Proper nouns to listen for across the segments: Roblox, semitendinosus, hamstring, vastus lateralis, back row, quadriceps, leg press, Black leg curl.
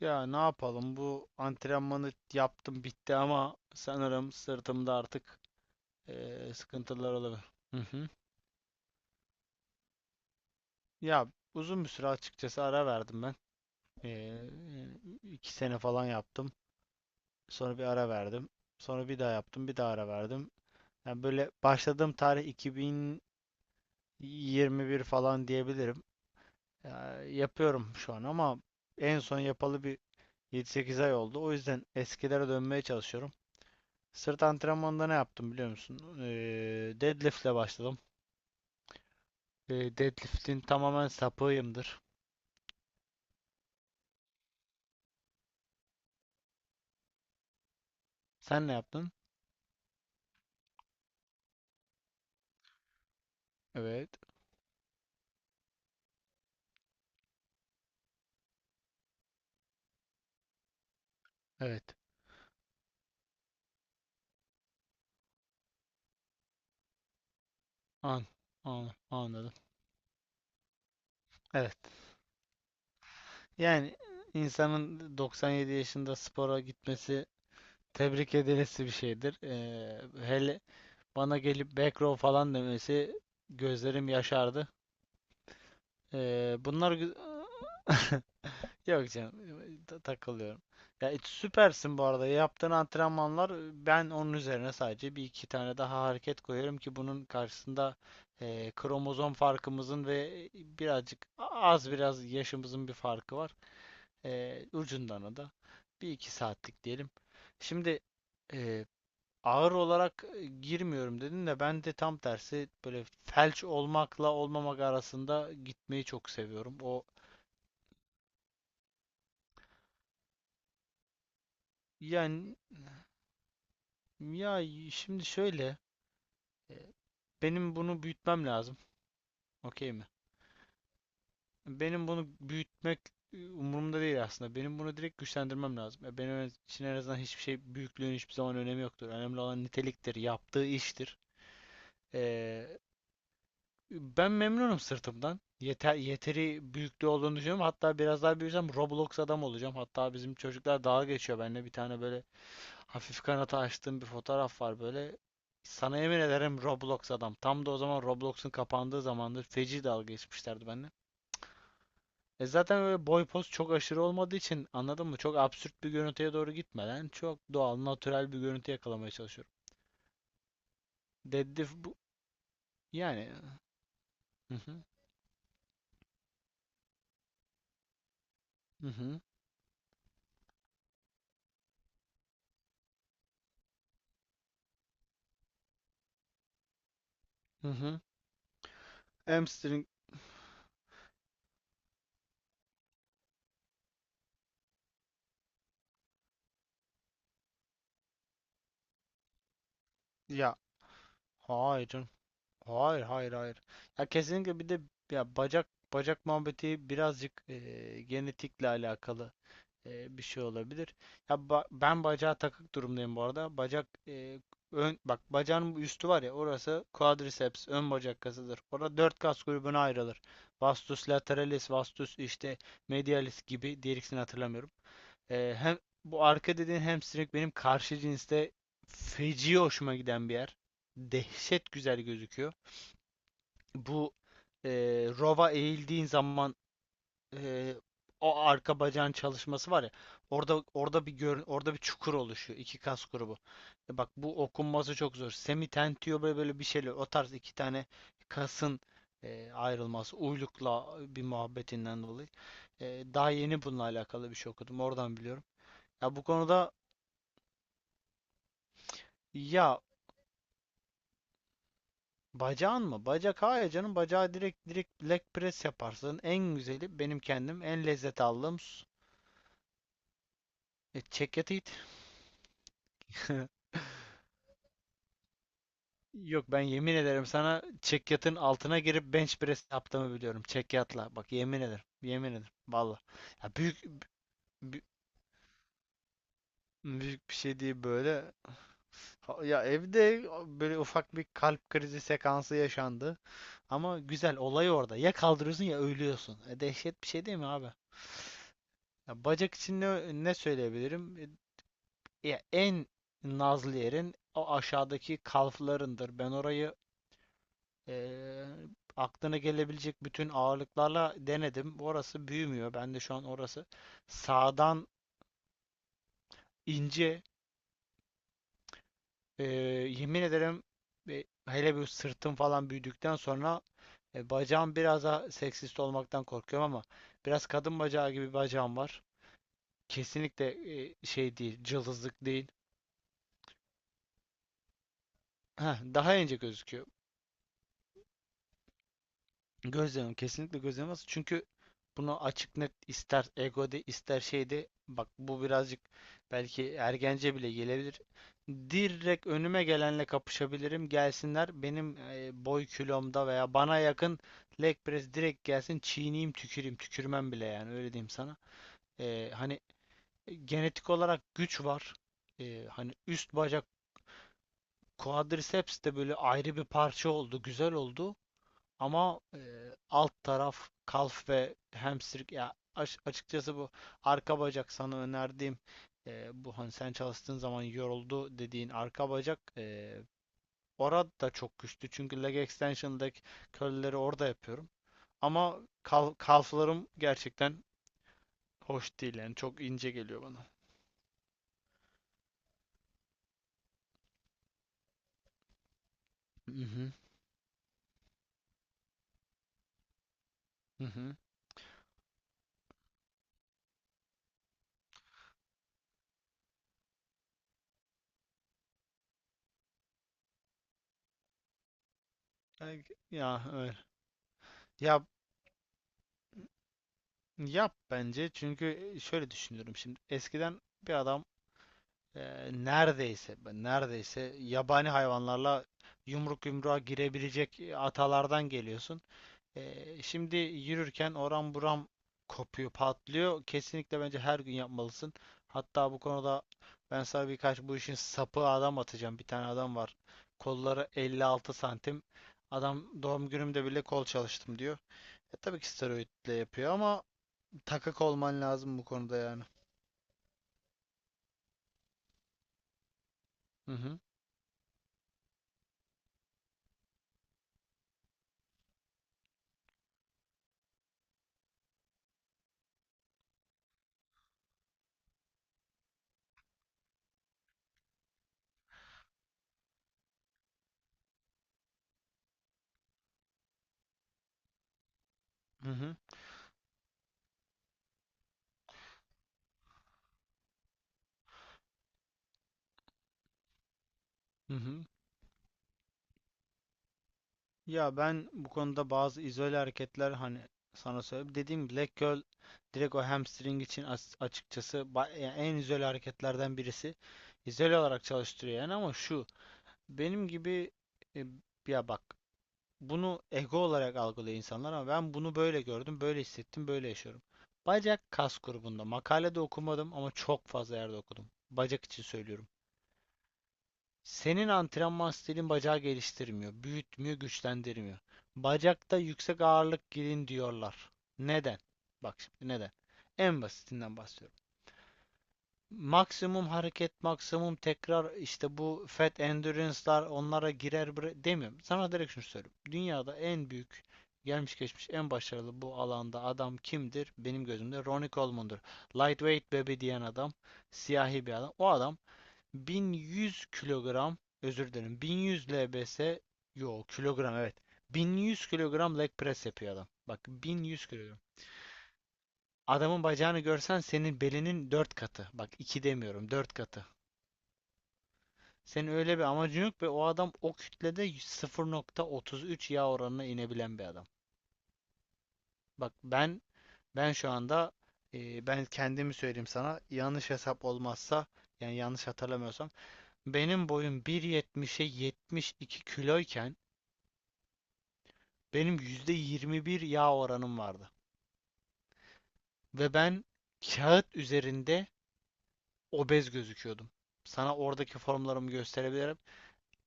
Ya ne yapalım, bu antrenmanı yaptım, bitti, ama sanırım sırtımda artık sıkıntılar olabilir. Hı hı. Ya, uzun bir süre açıkçası ara verdim ben. Eee yani 2 sene falan yaptım. Sonra bir ara verdim. Sonra bir daha yaptım, bir daha ara verdim. Yani böyle başladığım tarih 2021 falan diyebilirim. Ya, yapıyorum şu an, ama en son yapalı bir 7-8 ay oldu. O yüzden eskilere dönmeye çalışıyorum. Sırt antrenmanında ne yaptım, biliyor musun? Deadlift'le başladım. Deadlift'in tamamen sapığıyımdır. Sen ne yaptın? Evet. Evet. An, anladım. Evet. Yani insanın 97 yaşında spora gitmesi tebrik edilesi bir şeydir. Hele bana gelip back row falan demesi, gözlerim yaşardı. Ee, bunlar gü- Yok canım, takılıyorum. Ya, süpersin bu arada. Yaptığın antrenmanlar, ben onun üzerine sadece bir iki tane daha hareket koyarım ki bunun karşısında kromozom farkımızın ve birazcık az, biraz yaşımızın bir farkı var. Ucundan o da bir iki saatlik diyelim. Şimdi e, ağır olarak girmiyorum dedin de, ben de tam tersi, böyle felç olmakla olmamak arasında gitmeyi çok seviyorum. O yani Ya şimdi şöyle, e, benim bunu büyütmem lazım. Okey mi? Benim bunu büyütmek umurumda değil aslında. Benim bunu direkt güçlendirmem lazım. Benim için en azından hiçbir şey, büyüklüğün hiçbir zaman önemi yoktur. Önemli olan niteliktir, yaptığı iştir. E, Ben memnunum sırtımdan. Yeter, yeteri büyüklüğü olduğunu düşünüyorum. Hatta biraz daha büyüsem Roblox adam olacağım. Hatta bizim çocuklar dalga geçiyor benimle. Bir tane böyle hafif kanata açtığım bir fotoğraf var böyle. Sana yemin ederim, Roblox adam. Tam da o zaman Roblox'un kapandığı zamandır, feci dalga geçmişlerdi benimle. Zaten böyle boy poz çok aşırı olmadığı için, anladın mı? Çok absürt bir görüntüye doğru gitmeden, çok doğal, natürel bir görüntü yakalamaya çalışıyorum. Dedif bu yani. Hı hı. Hı hı. Hı hı. Hamstring ya. Hayır canım. Hayır, hayır, hayır. Ya kesinlikle, bir de ya bacak muhabbeti birazcık genetikle alakalı bir şey olabilir. Ya, ben bacağa takık durumdayım bu arada. Bacak ön bak, bacağın bu üstü var ya, orası quadriceps, ön bacak kasıdır. Orada dört kas grubuna ayrılır. Vastus lateralis, vastus işte medialis gibi, diğer ikisini hatırlamıyorum. Hem bu arka dediğin hamstring, benim karşı cinste feci hoşuma giden bir yer. Dehşet güzel gözüküyor. Bu e, rova eğildiğin zaman e, o arka bacağın çalışması var ya. Orada bir gör, orada bir çukur oluşuyor, iki kas grubu. Bak bu okunması çok zor. Semitentio, böyle böyle bir şeyler. O tarz iki tane kasın ayrılması, uylukla bir muhabbetinden dolayı. E, daha yeni bununla alakalı bir şey okudum. Oradan biliyorum. Ya bu konuda Ya bacağın mı? Bacak hayır canım. Bacağı direkt leg press yaparsın. En güzeli, benim kendim en lezzet aldığım, çekyatı it. Yok, ben yemin ederim sana, çekyatın altına girip bench press yaptığımı biliyorum. Çekyatla. Bak, yemin ederim. Yemin ederim. Valla. Ya, bü- büyük bir şey değil böyle. Ya, evde böyle ufak bir kalp krizi sekansı yaşandı. Ama güzel olay orada. Ya kaldırıyorsun, ya ölüyorsun. Dehşet bir şey, değil mi abi? Ya, bacak için ne söyleyebilirim? Ya en nazlı yerin o aşağıdaki kalflarındır. Ben orayı eee, aklına gelebilecek bütün ağırlıklarla denedim. Orası büyümüyor. Ben de şu an orası sağdan ince. Eee, yemin ederim, hele bir sırtım falan büyüdükten sonra bacağım biraz daha, seksist olmaktan korkuyorum ama, biraz kadın bacağı gibi bir bacağım var. Kesinlikle şey değil, cılızlık değil. Heh, daha ince gözüküyor. Gözlemim kesinlikle gözlemez. Çünkü bunu açık net, ister egode ister şeyde, bak bu birazcık belki ergence bile gelebilir. Direkt önüme gelenle kapışabilirim. Gelsinler benim boy kilomda veya bana yakın, leg press direkt gelsin, çiğneyim, tüküreyim, tükürmem bile yani, öyle diyeyim sana. Hani genetik olarak güç var. Hani üst bacak, quadriceps de böyle ayrı bir parça oldu, güzel oldu. Ama alt taraf, kalf ve hamstring, ya açıkçası bu arka bacak sana önerdiğim, bu hani sen çalıştığın zaman yoruldu dediğin arka bacak, orada da çok güçlü. Çünkü leg extension'daki curl'leri orada yapıyorum. Ama kalflarım gerçekten hoş değil, yani çok ince geliyor bana. Hı hı. Hı hı. Ay, ya öyle. Yap, yap bence, çünkü şöyle düşünüyorum şimdi. Eskiden bir adam e, neredeyse, neredeyse yabani hayvanlarla yumruk yumruğa girebilecek atalardan geliyorsun. Şimdi yürürken oram buram kopuyor, patlıyor. Kesinlikle bence her gün yapmalısın. Hatta bu konuda ben sana birkaç, bu işin sapı adam atacağım. Bir tane adam var. Kolları 56 santim. Adam doğum günümde bile kol çalıştım diyor. Tabii ki steroidle yapıyor ama, takık olman lazım bu konuda yani. Hı hı. Hı hı. Hı hı. Ya, ben bu konuda bazı izole hareketler hani sana söyleyeyim. Dediğim Black leg curl, direkt o hamstring için, açıkçası, yani en izole hareketlerden birisi. İzole olarak çalıştırıyor yani. Ama şu, benim gibi, e, ya bak, bunu ego olarak algılıyor insanlar ama ben bunu böyle gördüm, böyle hissettim, böyle yaşıyorum. Bacak kas grubunda makalede okumadım ama çok fazla yerde okudum. Bacak için söylüyorum. Senin antrenman stilin bacağı geliştirmiyor, büyütmüyor, güçlendirmiyor. Bacakta yüksek ağırlık girin diyorlar. Neden? Bak, şimdi neden? En basitinden bahsediyorum. Maksimum hareket, maksimum tekrar, işte bu fat endurance'lar onlara girer demiyorum. Sana direkt şunu söylüyorum. Dünyada en büyük, gelmiş geçmiş en başarılı bu alanda adam kimdir? Benim gözümde Ronnie Coleman'dır. Lightweight baby diyen adam, siyahi bir adam. O adam 1100 kilogram, özür dilerim, 1100 lbs, yo, kilogram, evet, 1100 kilogram leg press yapıyor adam. Bak, 1100 kilogram. Adamın bacağını görsen, senin belinin 4 katı. Bak, 2 demiyorum, 4 katı. Senin öyle bir amacın yok, ve o adam o kütlede 0.33 yağ oranına inebilen bir adam. Bak ben şu anda, ben kendimi söyleyeyim sana, yanlış hesap olmazsa, yani yanlış hatırlamıyorsam, benim boyum 1.70'e 72 kiloyken, benim %21 yağ oranım vardı. Ve ben kağıt üzerinde obez gözüküyordum. Sana oradaki formlarımı gösterebilirim.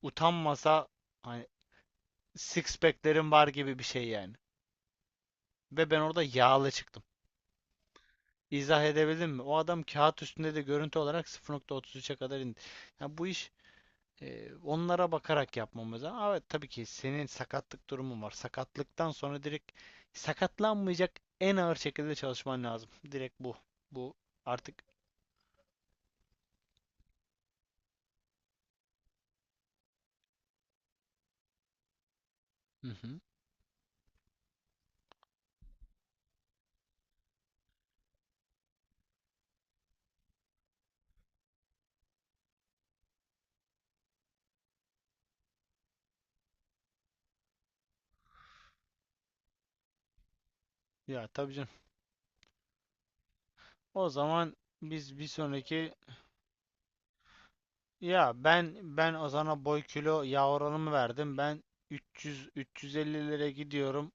Utanmasa hani, six pack'lerim var gibi bir şey yani. Ve ben orada yağlı çıktım. İzah edebildim mi? O adam kağıt üstünde de görüntü olarak 0.33'e kadar indi. Yani bu iş onlara bakarak yapmamız lazım. Ama tabii ki senin sakatlık durumun var. Sakatlıktan sonra direkt, sakatlanmayacak en ağır şekilde çalışman lazım. Direkt bu. Bu artık. Hı hı. Ya tabii canım. O zaman biz bir sonraki ya ben ben Ozan'a boy, kilo, yağ oranımı verdim. Ben 300 350'lere gidiyorum.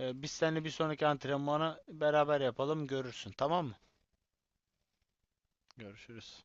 Biz seninle bir sonraki antrenmanı beraber yapalım. Görürsün, tamam mı? Görüşürüz.